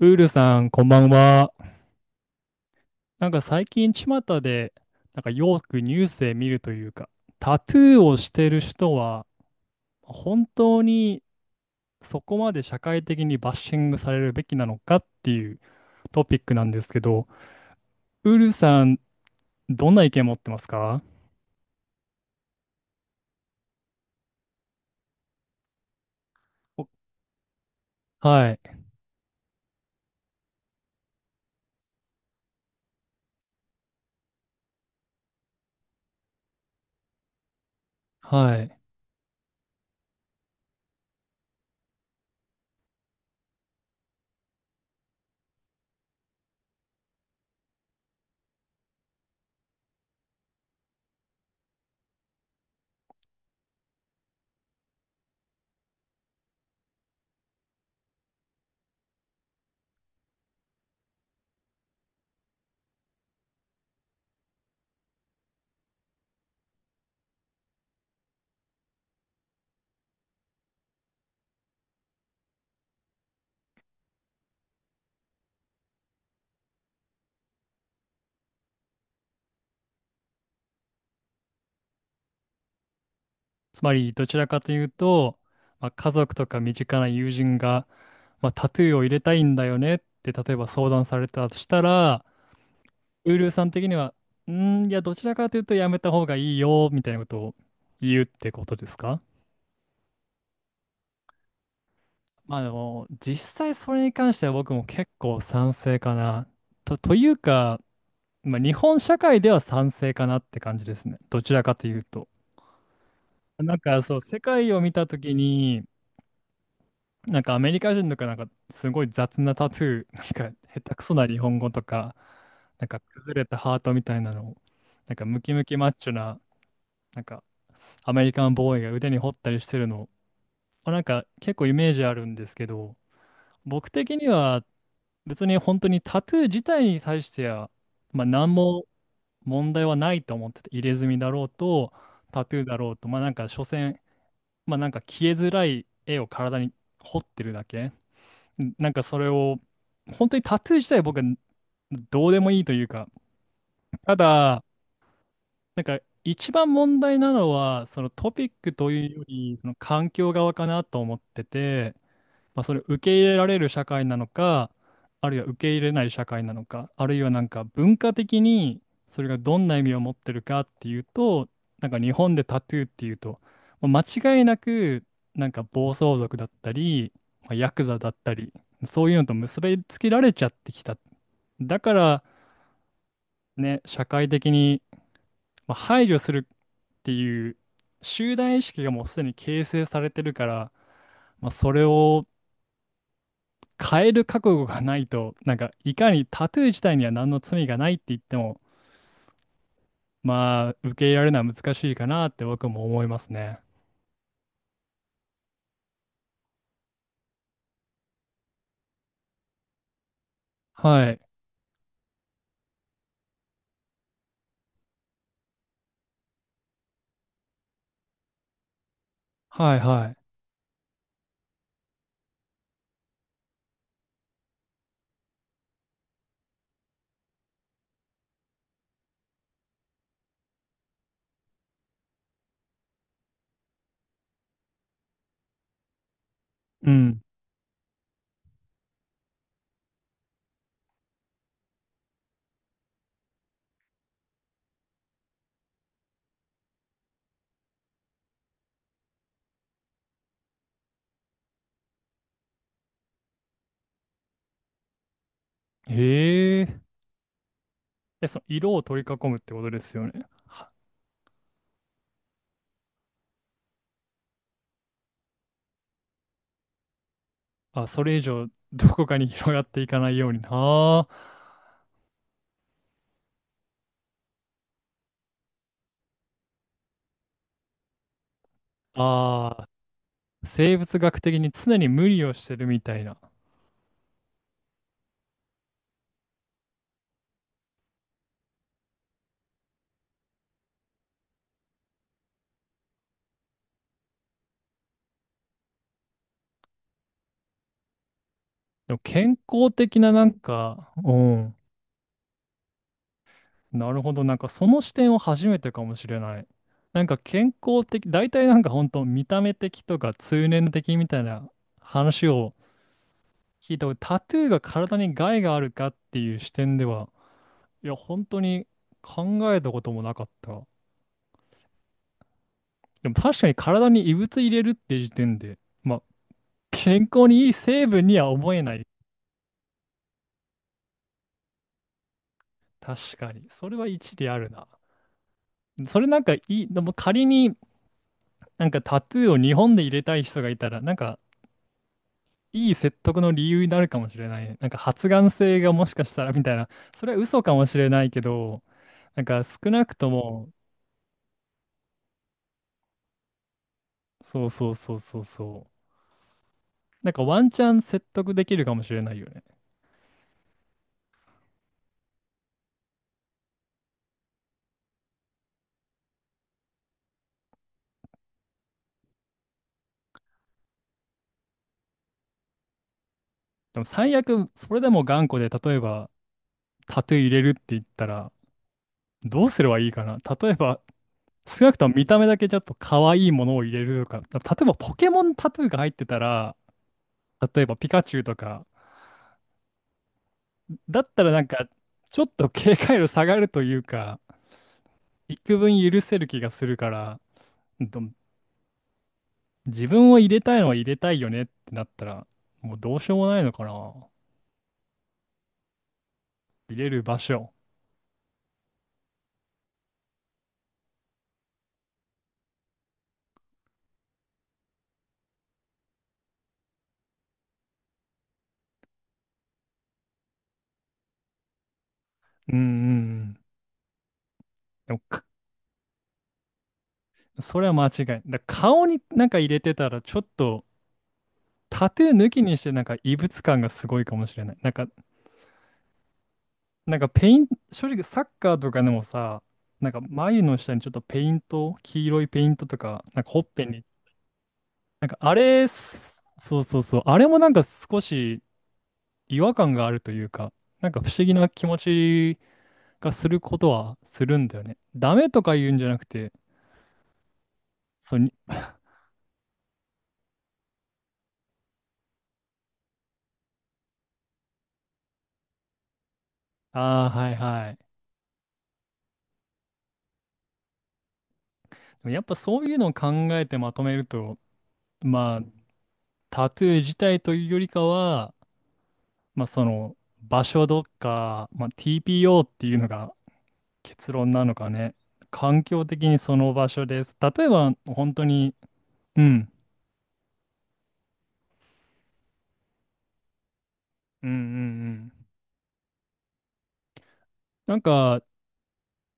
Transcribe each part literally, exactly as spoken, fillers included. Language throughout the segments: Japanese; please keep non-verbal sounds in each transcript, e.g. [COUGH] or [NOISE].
ウールさん、こんばんは。なんか最近、巷で、なんかよくニュースで見るというか、タトゥーをしてる人は、本当にそこまで社会的にバッシングされるべきなのかっていうトピックなんですけど、ウールさん、どんな意見持ってますか？おはい、はい。つまり、どちらかというと、まあ、家族とか身近な友人が、まあ、タトゥーを入れたいんだよねって、例えば相談されたとしたら、ウルーさん的には、んー、いや、どちらかというとやめた方がいいよ、みたいなことを言うってことですか？まあでも、実際それに関しては僕も結構賛成かな。と、というか、まあ、日本社会では賛成かなって感じですね。どちらかというと。なんかそう、世界を見たときに、なんかアメリカ人とかなんかすごい雑なタトゥー、なんか下手くそな日本語とか、なんか崩れたハートみたいなのを、なんかムキムキマッチョな、なんかアメリカンボーイが腕に彫ったりしてるの、まあなんか結構イメージあるんですけど、僕的には別に本当にタトゥー自体に対しては、まあ、何も問題はないと思ってて、入れ墨だろうと、タトゥーだろうと、まあなんか所詮、まあなんか消えづらい絵を体に彫ってるだけ。なんかそれを、本当にタトゥー自体僕はどうでもいいというか、ただ、なんか一番問題なのはそのトピックというよりその環境側かなと思ってて、まあ、それを受け入れられる社会なのか、あるいは受け入れない社会なのか、あるいはなんか文化的にそれがどんな意味を持ってるかっていうと、なんか日本でタトゥーっていうと、まあ間違いなくなんか暴走族だったり、まあ、ヤクザだったり、そういうのと結びつけられちゃってきた。だからね、社会的にまあ、排除するっていう集団意識がもうすでに形成されてるから、まあ、それを変える覚悟がないと、なんかいかにタトゥー自体には何の罪がないって言っても、まあ受け入れられるのは難しいかなって僕も思いますね。はい。はいはい。うん。へえ。え、その色を取り囲むってことですよね。あ、それ以上どこかに広がっていかないようにな。あーあー、生物学的に常に無理をしてるみたいな。でも健康的ななんか、うん、なるほど、なんかその視点を初めてかもしれない。なんか健康的、大体なんか本当見た目的とか通念的みたいな話を聞いたこと、タトゥーが体に害があるかっていう視点では、いや、本当に考えたこともなかった。でも確かに体に異物入れるって時点で、まあ、健康にいい成分には思えない。確かに。それは一理あるな。それなんかいい、でも仮になんかタトゥーを日本で入れたい人がいたら、なんかいい説得の理由になるかもしれないね。なんか発がん性がもしかしたらみたいな。それは嘘かもしれないけど、なんか少なくとも、そうそうそうそうそう。なんかワンチャン説得できるかもしれないよね。でも最悪、それでも頑固で、例えば、タトゥー入れるって言ったら、どうすればいいかな。例えば、少なくとも見た目だけちょっと可愛いものを入れるとか、例えばポケモンタトゥーが入ってたら、例えばピカチュウとか、だったらなんか、ちょっと警戒度下がるというか、幾分許せる気がするから、ど自分を入れたいのは入れたいよねってなったら、もうどうしようもないのかな。入れる場所。うんうんうん。でもかそれは間違いない。だ顔になんか入れてたら、ちょっとタトゥー抜きにしてなんか異物感がすごいかもしれない。なんか、なんかペイン、正直サッカーとかでもさ、なんか眉の下にちょっとペイント、黄色いペイントとか、なんかほっぺに、なんかあれ、すそうそうそう、あれもなんか少し違和感があるというか、なんか不思議な気持ちがすることはするんだよね。ダメとか言うんじゃなくて、そうに、ああ、はいはい。やっぱそういうのを考えてまとめると、まあ、タトゥー自体というよりかは、まあ、その場所どっか、まあ、ティーピーオー っていうのが結論なのかね。環境的にその場所です。例えば、本当に、うん、うんうんうん。なんか、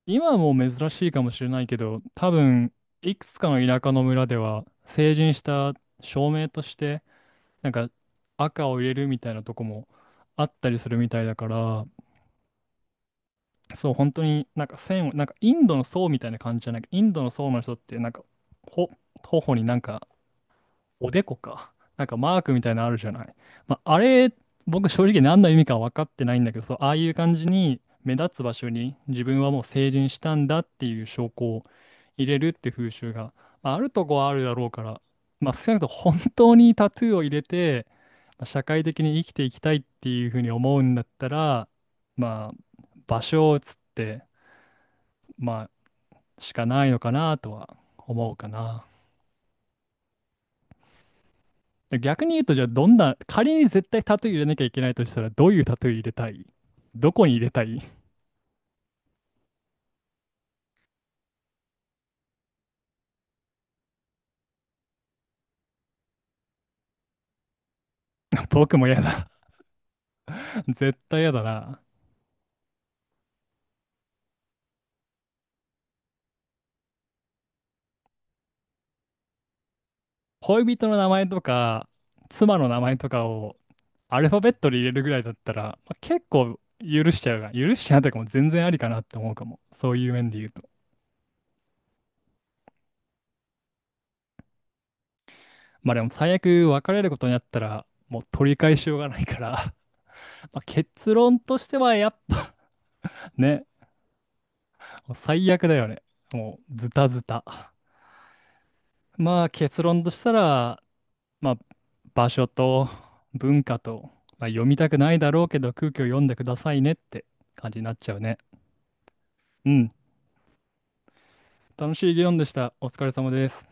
今はもう珍しいかもしれないけど、多分、いくつかの田舎の村では、成人した証明として、なんか赤を入れるみたいなとこもあったりするみたいだから、そう、本当になんか線を、なんかインドの僧みたいな感じじゃない？インドの僧の人ってなんか、ほ、頬になんか、おでこか、なんかマークみたいなのあるじゃない。まあ、あれ、僕正直何の意味か分かってないんだけど、そう、ああいう感じに目立つ場所に自分はもう成人したんだっていう証拠を入れるって風習が、まあ、あるとこはあるだろうから、まあ、少なくとも本当にタトゥーを入れて、まあ社会的に生きていきたいっていうふうに思うんだったら、まあ、場所を移って、まあ、しかないのかなとは思うかな。で逆に言うと、じゃあどんな、仮に絶対タトゥー入れなきゃいけないとしたら、どういうタトゥー入れたい？どこに入れたい？ [LAUGHS] 僕も嫌だ。 [LAUGHS] 絶対嫌だな。恋人の名前とか、妻の名前とかをアルファベットで入れるぐらいだったら、まあ、結構許しちゃうが、許しちゃうとかも全然ありかなって思うかも。そういう面で言うと。まあでも最悪別れることになったら、もう取り返しようがないから。 [LAUGHS] まあ結論としてはやっぱ、 [LAUGHS] ね、もう最悪だよね。もうズタズタ。まあ結論としたら、まあ場所と文化と、まあ、読みたくないだろうけど空気を読んでくださいねって感じになっちゃうね。うん。楽しい議論でした。お疲れ様です。